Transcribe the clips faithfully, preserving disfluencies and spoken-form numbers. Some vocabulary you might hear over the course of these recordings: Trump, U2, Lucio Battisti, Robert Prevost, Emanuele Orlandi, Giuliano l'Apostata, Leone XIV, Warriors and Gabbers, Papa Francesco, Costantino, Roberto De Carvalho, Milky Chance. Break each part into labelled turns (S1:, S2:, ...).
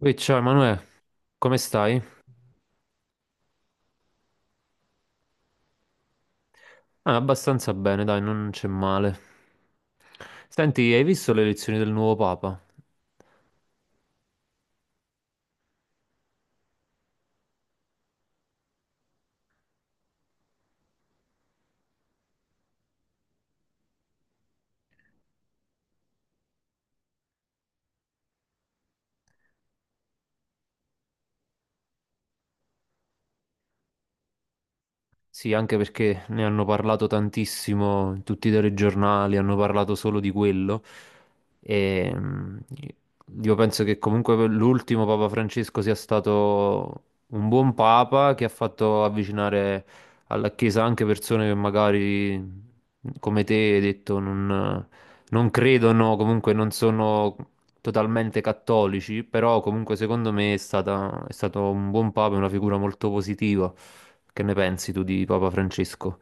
S1: Ui, ciao Emanuele, come stai? Ah, abbastanza bene, dai, non c'è male. Senti, hai visto le elezioni del nuovo Papa? Sì, anche perché ne hanno parlato tantissimo, in tutti i telegiornali hanno parlato solo di quello. E mm, io penso che comunque l'ultimo Papa Francesco sia stato un buon Papa che ha fatto avvicinare alla Chiesa anche persone che magari, come te, hai detto, non non credono, comunque non sono totalmente cattolici, però comunque secondo me è stata- è stato un buon papa e una figura molto positiva. Che ne pensi tu di Papa Francesco?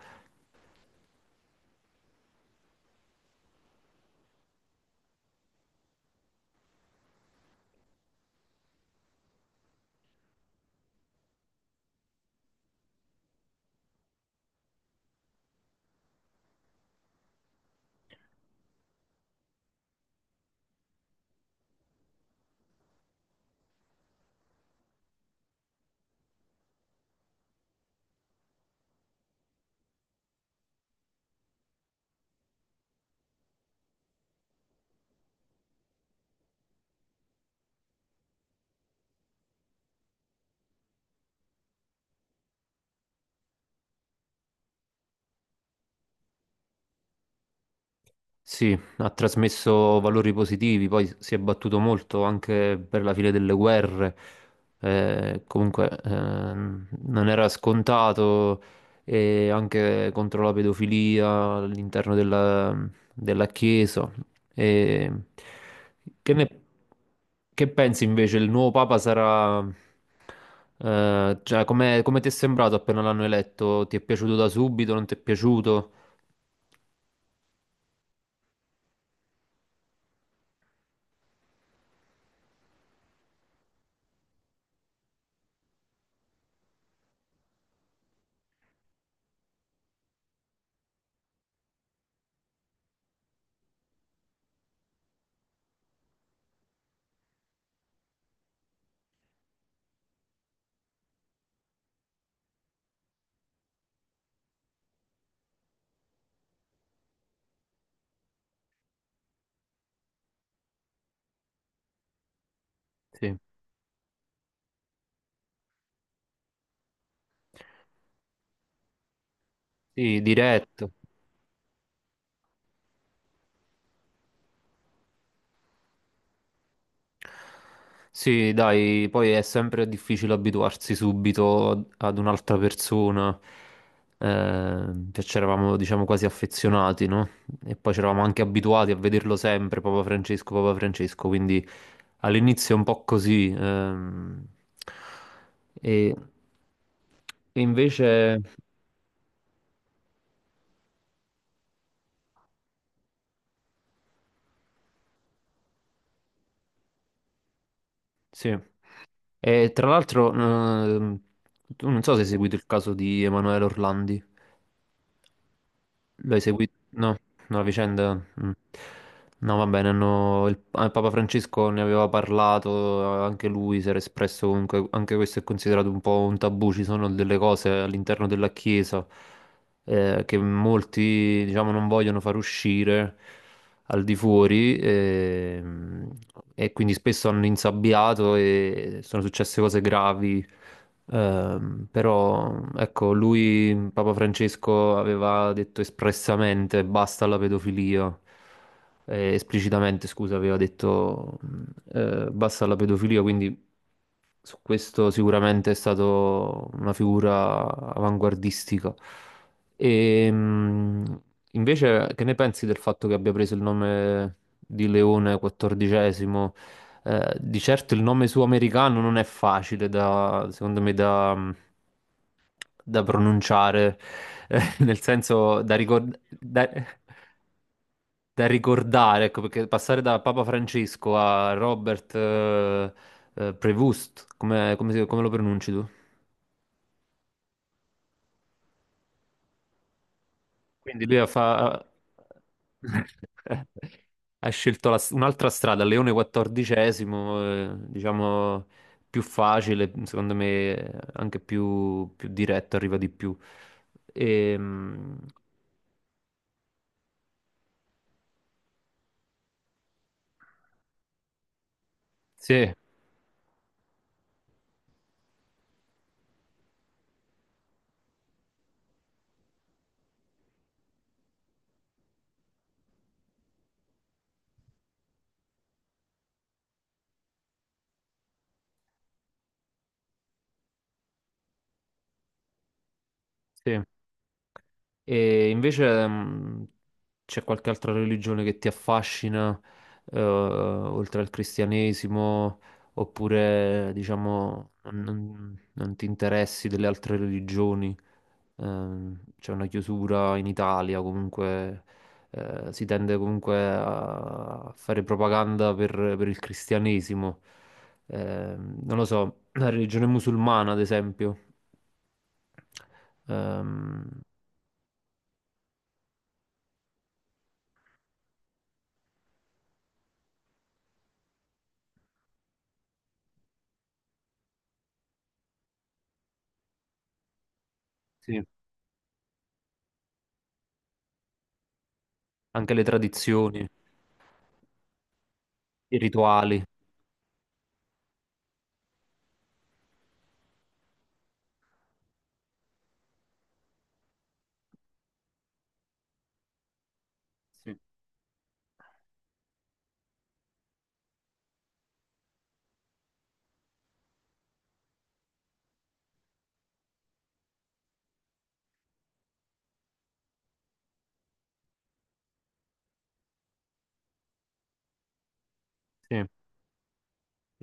S1: Sì, ha trasmesso valori positivi, poi si è battuto molto anche per la fine delle guerre. Eh, comunque, ehm, non era scontato e anche contro la pedofilia all'interno della, della Chiesa. E che ne- che pensi invece? Il nuovo Papa sarà... eh, cioè, come come ti è sembrato appena l'hanno eletto? Ti è piaciuto da subito? Non ti è piaciuto? Sì, sì, diretto. Sì, dai, poi è sempre difficile abituarsi subito ad ad un'altra persona. Eh, cioè, c'eravamo, diciamo, quasi affezionati, no? E poi c'eravamo anche abituati a vederlo sempre, Papa Francesco, Papa Francesco, quindi all'inizio è un po' così. ehm, e, e invece, sì. E tra l'altro, ehm, tu non so se hai seguito il caso di Emanuele Orlandi. Lo hai seguito? No, no, la vicenda. mm. No, va bene, hanno- il, ah, il Papa Francesco ne aveva parlato, anche lui si era espresso comunque, anche questo è considerato un po' un tabù, ci sono delle cose all'interno della Chiesa eh, che molti, diciamo, non vogliono far uscire al di fuori ehm, e, quindi spesso hanno insabbiato e sono successe cose gravi. Ehm, però ecco, lui, Papa Francesco, aveva detto espressamente basta alla pedofilia. Eh, esplicitamente, scusa, aveva detto mh, eh, basta alla pedofilia, quindi su questo sicuramente è stato una figura avanguardistica. E, mh, Invece, che ne pensi del fatto che abbia preso il nome di Leone quattordicesimo? Eh, di certo il nome suo americano non è facile da, secondo me, da, da pronunciare, eh, nel senso da ricordare da ricordare, ecco, perché passare da Papa Francesco a Robert eh, eh, Prevost, come, come si- come lo pronunci tu? Quindi lui ha, fa- ha scelto la- un'altra strada, Leone quattordicesimo, eh, diciamo più facile, secondo me eh, anche più, più diretto, arriva di più. Ehm, sì, sì. E invece mh, c'è qualche altra religione che ti affascina, eh, oltre al cristianesimo, oppure diciamo non, non- non ti interessi delle altre religioni? Ehm, c'è una chiusura in Italia, comunque eh, si tende comunque a fare propaganda per, per il cristianesimo. Ehm, non lo so, la religione musulmana, ad esempio. Ehm, sì, anche le tradizioni. I rituali, sì. Sì,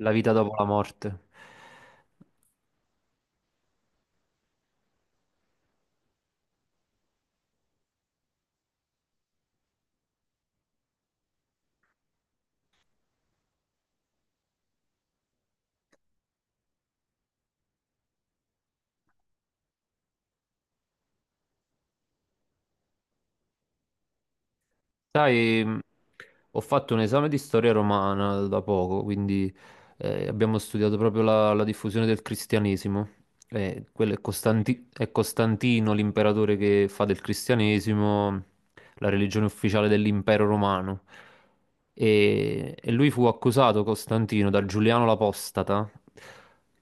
S1: la vita dopo la morte. Sai, mh, ho fatto un esame di storia romana da poco, quindi eh, abbiamo studiato proprio la, la diffusione del cristianesimo. Eh, quello è Costanti- è Costantino, l'imperatore che fa del cristianesimo la religione ufficiale dell'impero romano. E, e lui fu accusato, Costantino, da Giuliano l'Apostata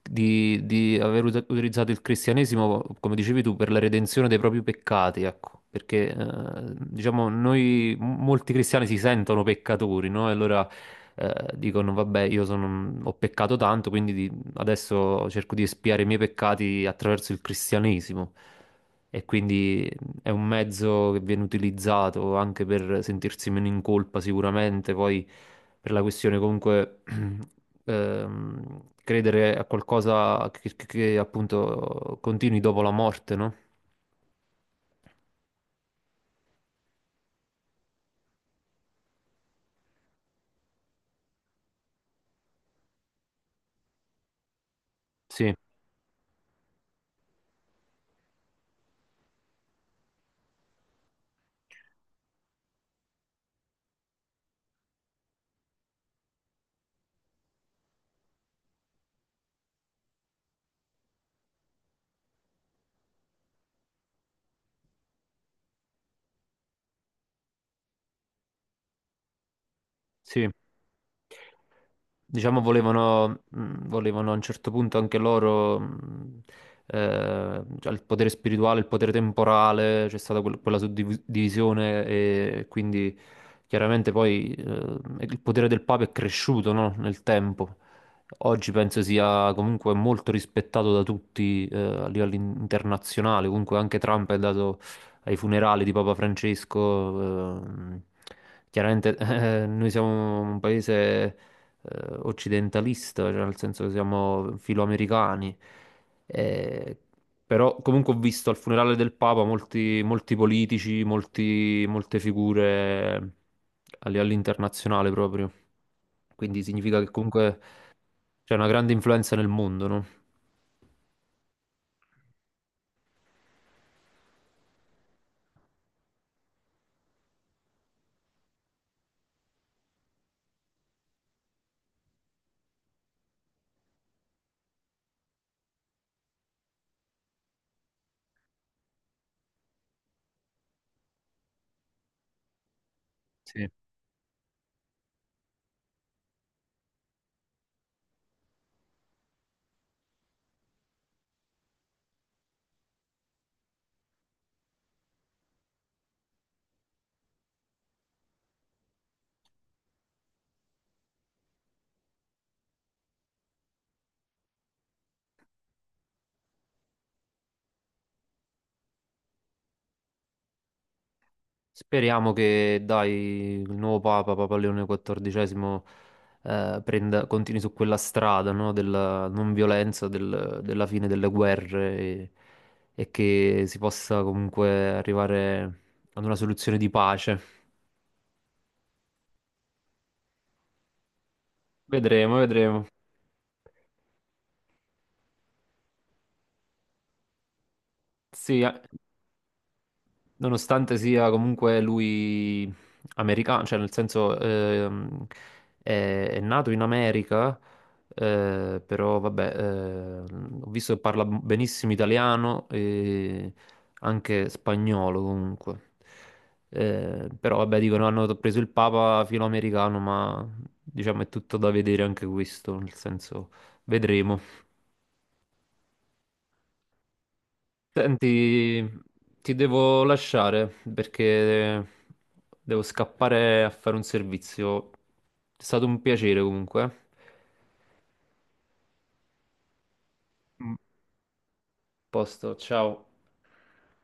S1: di, di aver ut- utilizzato il cristianesimo, come dicevi tu, per la redenzione dei propri peccati, ecco. Perché, eh, diciamo, noi, m- molti cristiani si sentono peccatori, no? E allora eh, dicono, vabbè, io sono- ho peccato tanto, quindi di- adesso cerco di espiare i miei peccati attraverso il cristianesimo. E quindi è un mezzo che viene utilizzato anche per sentirsi meno in colpa sicuramente, poi per la questione comunque ehm, credere a qualcosa che, che- che, appunto continui dopo la morte, no? Sì, sì. Diciamo, volevano, mh, volevano a un certo punto anche loro mh, eh, cioè il potere spirituale, il potere temporale, c'è stata quel- quella suddivisione e quindi chiaramente poi eh, il potere del Papa è cresciuto, no, nel tempo. Oggi penso sia comunque molto rispettato da tutti eh, a livello in- internazionale, comunque anche Trump è andato ai funerali di Papa Francesco. ehm, Chiaramente eh, noi siamo un paese eh, occidentalista, cioè nel senso che siamo filoamericani. Eh, però comunque ho visto al funerale del Papa molti, molti politici, molti- molte figure eh, a livello internazionale proprio. Quindi significa che comunque c'è una grande influenza nel mondo, no? Sì. Speriamo che, dai, il nuovo Papa, Papa Leone quattordicesimo, eh, prenda- continui su quella strada, no, della non violenza, del- della fine delle guerre e, e che si possa comunque arrivare ad una soluzione di pace. Vedremo, vedremo. Sì, nonostante sia comunque lui americano, cioè nel senso ehm, è, è nato in America, eh, però vabbè, ehm, ho visto che parla benissimo italiano e anche spagnolo comunque. Eh, però vabbè, dicono hanno preso il Papa filoamericano, ma diciamo è tutto da vedere anche questo, nel senso vedremo. Senti, ti devo lasciare perché devo scappare a fare un servizio. È stato un piacere comunque. Mm. Posto, ciao.